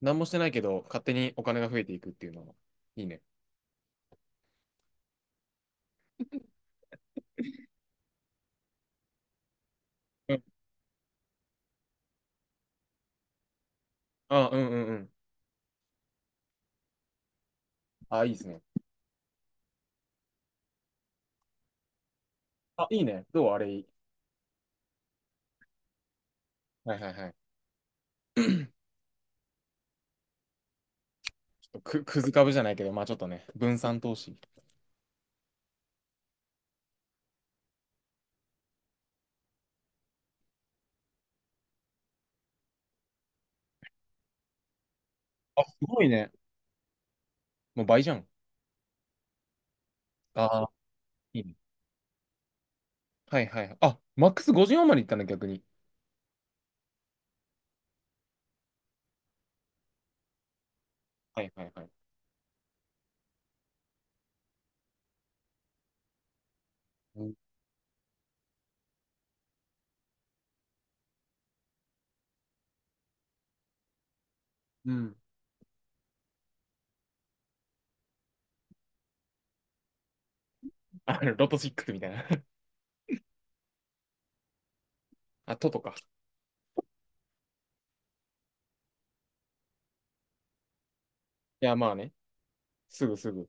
何もしてないけど、勝手にお金が増えていくっていうのは、いいね。うん。あ、うんうんうん。あ、いいですね。あ、いいね。どうあれいい。はいはいはい。ちょっとく、くず株じゃないけど、まあちょっとね、分散投資。あ、すごいね。もう倍じゃん。ああ、いいね。はいはいはい。あ、マックス54までいったの、逆に。はいはいはい。うん。うんロト6みたいな。あ、ととか。いや、まあね。すぐすぐ。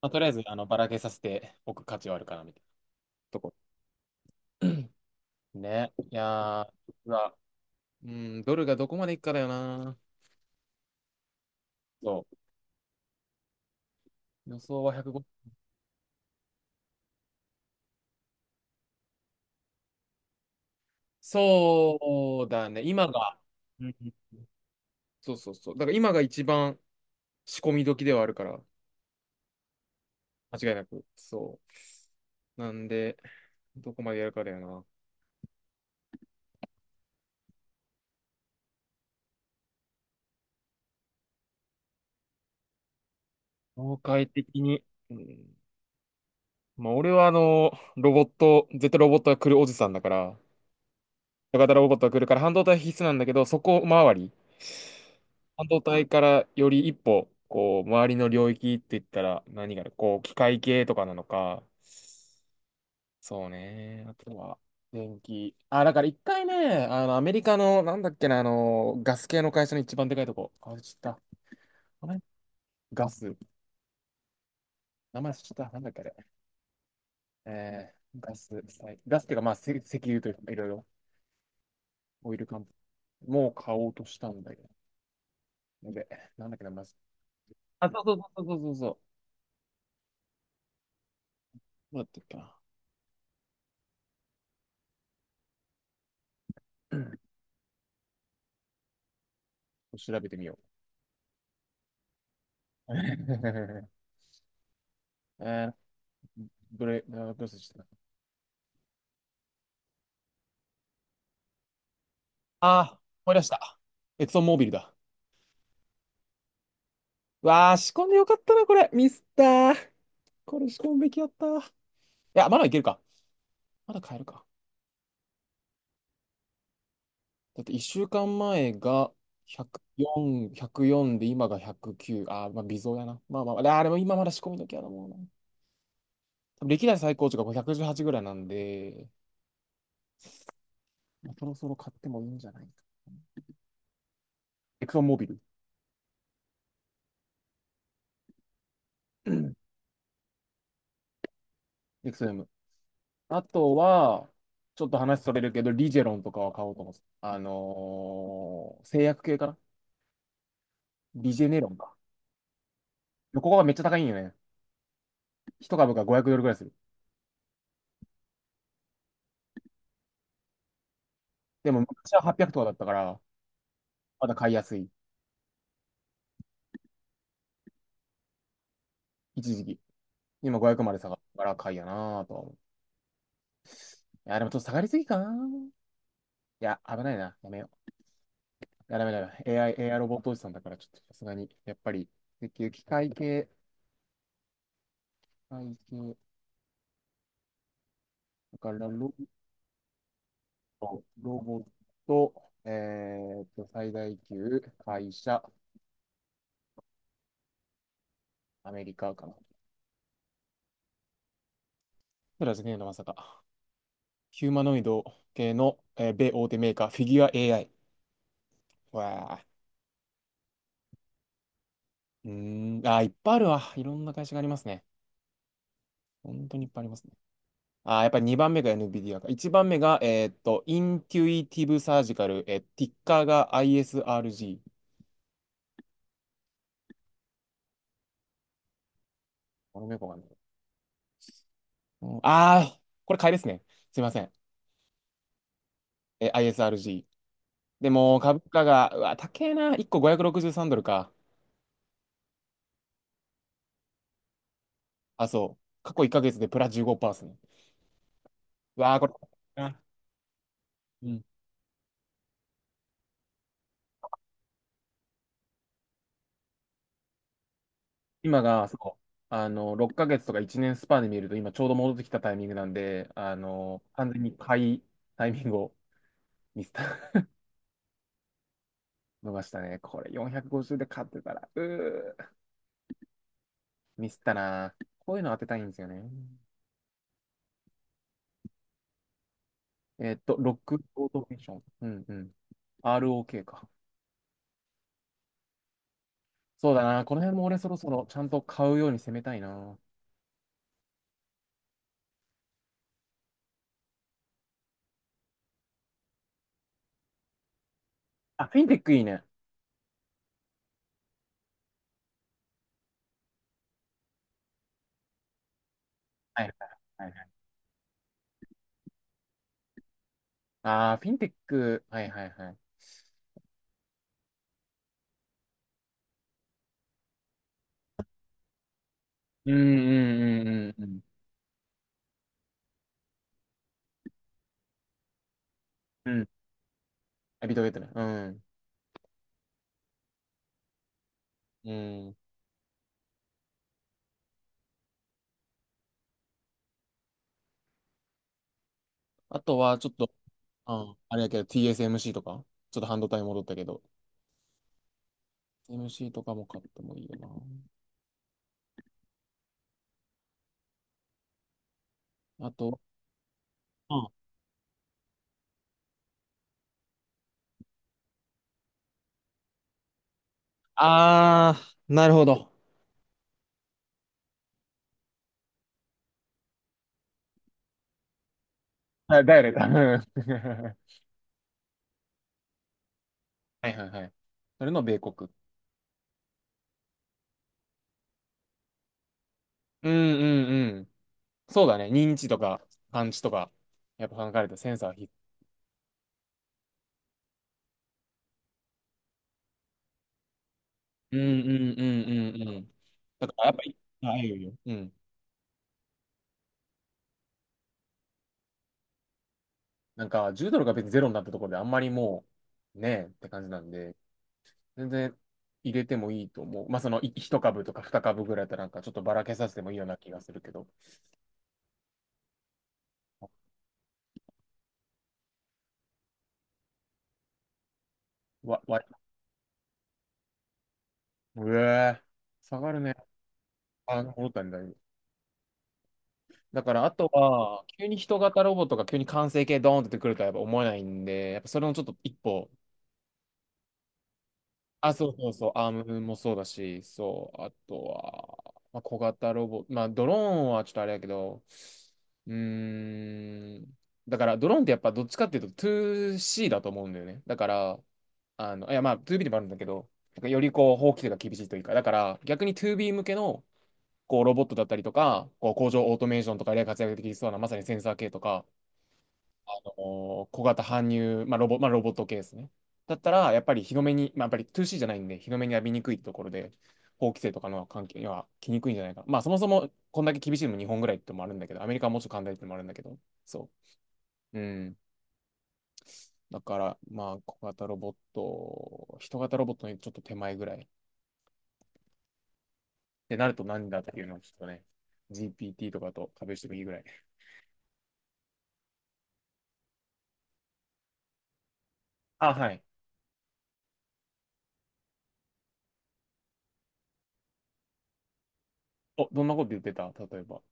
まあ、とりあえず、ばらけさせておく価値はあるかな、みたいなとこ。ね。うわうん、ドルがどこまでいくかだよな。そう、予想は1 5。そうだね。今が、うん、そうそうそう。だから今が一番仕込み時ではあるから、間違いなく。そう。なんで、どこまでやるかだよな。業界的に。うん。まあ、俺はロボット、絶対ロボットが来るおじさんだから、小型ロボットが来るから半導体必須なんだけど、そこ周り。半導体からより一歩、こう、周りの領域って言ったら何があるこう、機械系とかなのか、そうね。あとは、電気。あ、だから一回ね、アメリカの、なんだっけな、ガス系の会社の一番でかいとこ。あれ知った。あれガス。名前知った。なんだっけあれ。ガス、はい、ガスっていうか、まあ、せ石油というか、いろいろ、オイルカンもう買おうとしたんだけど。で、なんだっけな、まず。あ、そうそうそうそうそうそう。どうだったっけな。調べてみよう。えー、どれ、あどうせした。ああー、思い出した。エクソンモービルだ。わあ、仕込んでよかったな、これ。ミスったー。これ仕込むべきやったー。いや、まだいけるか。まだ買えるか。だって1週間前が104、1で今が109。あー、まあ微増やな。まあまあ、あーでも今まだ仕込み時やな、もうな。多分歴代最高値が518ぐらいなんで、まあ、そろそろ買ってもいいんじゃないか。エクソンモービル。うん、エクソム。あとは、ちょっと話それるけど、リジェロンとかは買おうと思ってた。あのー、製薬系かな。リジェネロンか。ここがめっちゃ高いんよね。一株が500ドルぐらいする。でも昔は800とかだったから、まだ買いやすい。一時期。今500まで下がったから買いやなぁとは思う。いや、でもちょっと下がりすぎかなぁ。いや、危ないな。やめよう。いや、ダメだめ。AI、AI ロボットおじさんだから、ちょっとさすがに、やっぱり、石油機械系、機械系、だからロボット、ロボット、え最大級、会社、アメリカかな。プラスゲーのまさか。ヒューマノイド系の、えー、米大手メーカー、フィギュア AI。わあ。うーん。あー、いっぱいあるわ。いろんな会社がありますね。本当にいっぱいありますね。あー、やっぱり2番目が NVIDIA か。1番目が、インテュイティブサージカル、えー、ティッカーが ISRG。この猫がね。うんあー、これ買いですね。すいません。えー、 ISRG。でも、株価が、うわ、高えな。1個563ドルか。あ、そう。過去1ヶ月でプラ15%ですね。うわー、これ。うん、今が、そう、6ヶ月とか1年スパンで見ると、今ちょうど戻ってきたタイミングなんで、完全に買いタイミングをミスった、逃したね。これ450で買ってたら、うー、ミスったな。こういうの当てたいんですよね。えっと、ロックオートメーション。うんうん。ROK か。そうだな。この辺も俺そろそろちゃんと買うように攻めたいな。あ、フィンテックいいね。はいはいはいはい。ああ、フィンテック。はいはいはい。うんうんうんうんうん。うん。ビットゲットね。うん。うん。あとは、ちょっと、うん、あれやけど、TSMC とか、ちょっと半導体戻ったけど、TSMC とかも買ってもいいよな。あと、うん。あー、なるほど。あ、だよね、多分。はいはいはい。それの米国。うんうんうん。そうだね。認知とか感知とか、やっぱ考えるとセンサーは必須。うんうんうんうんうん。だからやっぱり、あ、いいよいいよ。うん。なんか、10ドルが別にゼロになったところであんまりもう、ねえって感じなんで、全然入れてもいいと思う。まあ、その、い一株とか二株ぐらいだったらなんかちょっとばらけさせてもいいような気がするけど。わ、わ、うえー、下がるね。あ、戻ったんだ、今。だから、あとは、急に人型ロボットが急に完成形ドーンって出てくるとはやっぱ思えないんで、やっぱそれもちょっと一歩。あ、そうそうそう、アームもそうだし、そう、あとは、まあ、小型ロボ、まあ、ドローンはちょっとあれやけど、うーん、だから、ドローンってやっぱどっちかっていうと 2C だと思うんだよね。だから、いや、まあ、2B でもあるんだけど、なんかよりこう、法規制が厳しいというか、だから、逆に 2B 向けの、こう、ロボットだったりとか、こう、工場オートメーションとかで活躍できそうな、まさにセンサー系とか、あの小型搬入、まあロボ、まあ、ロボット系ですね。だったら、やっぱり日の目に、まあ、やっぱり 2C じゃないんで、日の目に浴びにくいところで、法規制とかの関係には来にくいんじゃないかな。まあ、そもそもこんだけ厳しいのも日本ぐらいってのもあるんだけど、アメリカはもうちょっと簡単ってのもあるんだけど、そう。うん。だから、まあ、小型ロボット、人型ロボットにちょっと手前ぐらい。ってなると何だっていうのをちょっとね、GPT とかと壁してもいいぐらい。あ、はい。お、どんなこと言ってた例えば。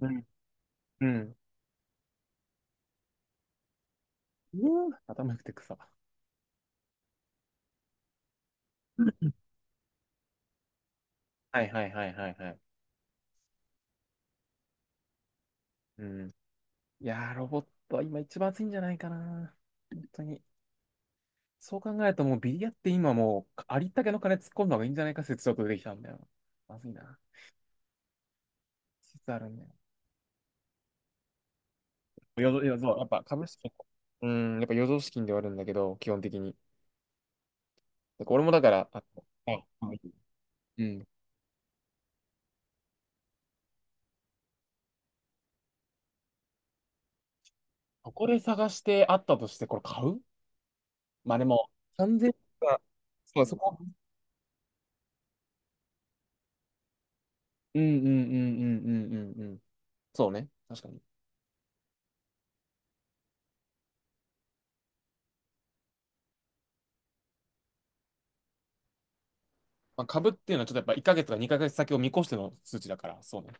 うん。うん。うー頭良くて草。はいはいはいはいはい。うん。いやー、ロボットは今一番熱いんじゃないかな。本当に。そう考えるともうビリヤって今もうありったけの金突っ込んだ方がいいんじゃないか説ちょっと出てきたんだよ。まずいな。説あるんだよ。余剰、いや、そう、やっぱ株式、うん、やっぱ余剰資金ではあるんだけど、基本的に。だから俺もだから、ああ、はい、うん。ここで探してあったとしてこれ買うまあでも、3000、そう、そこ。うんうんうんうんうんうんうん。そうね。確かに。まあ、株っていうのはちょっとやっぱ1ヶ月とか2ヶ月先を見越しての数値だから、そうね。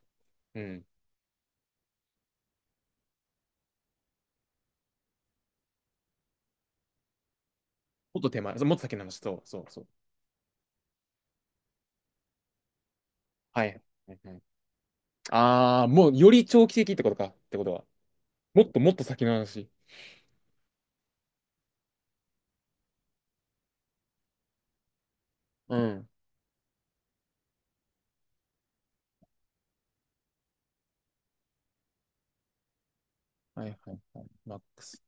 うん。もっと手前、そうもっと先の話、そうそうそう。はい。はいはい。ああ、もうより長期的ってことか、ってことは。もっともっと先の話。うん。はいはいはい。マックス。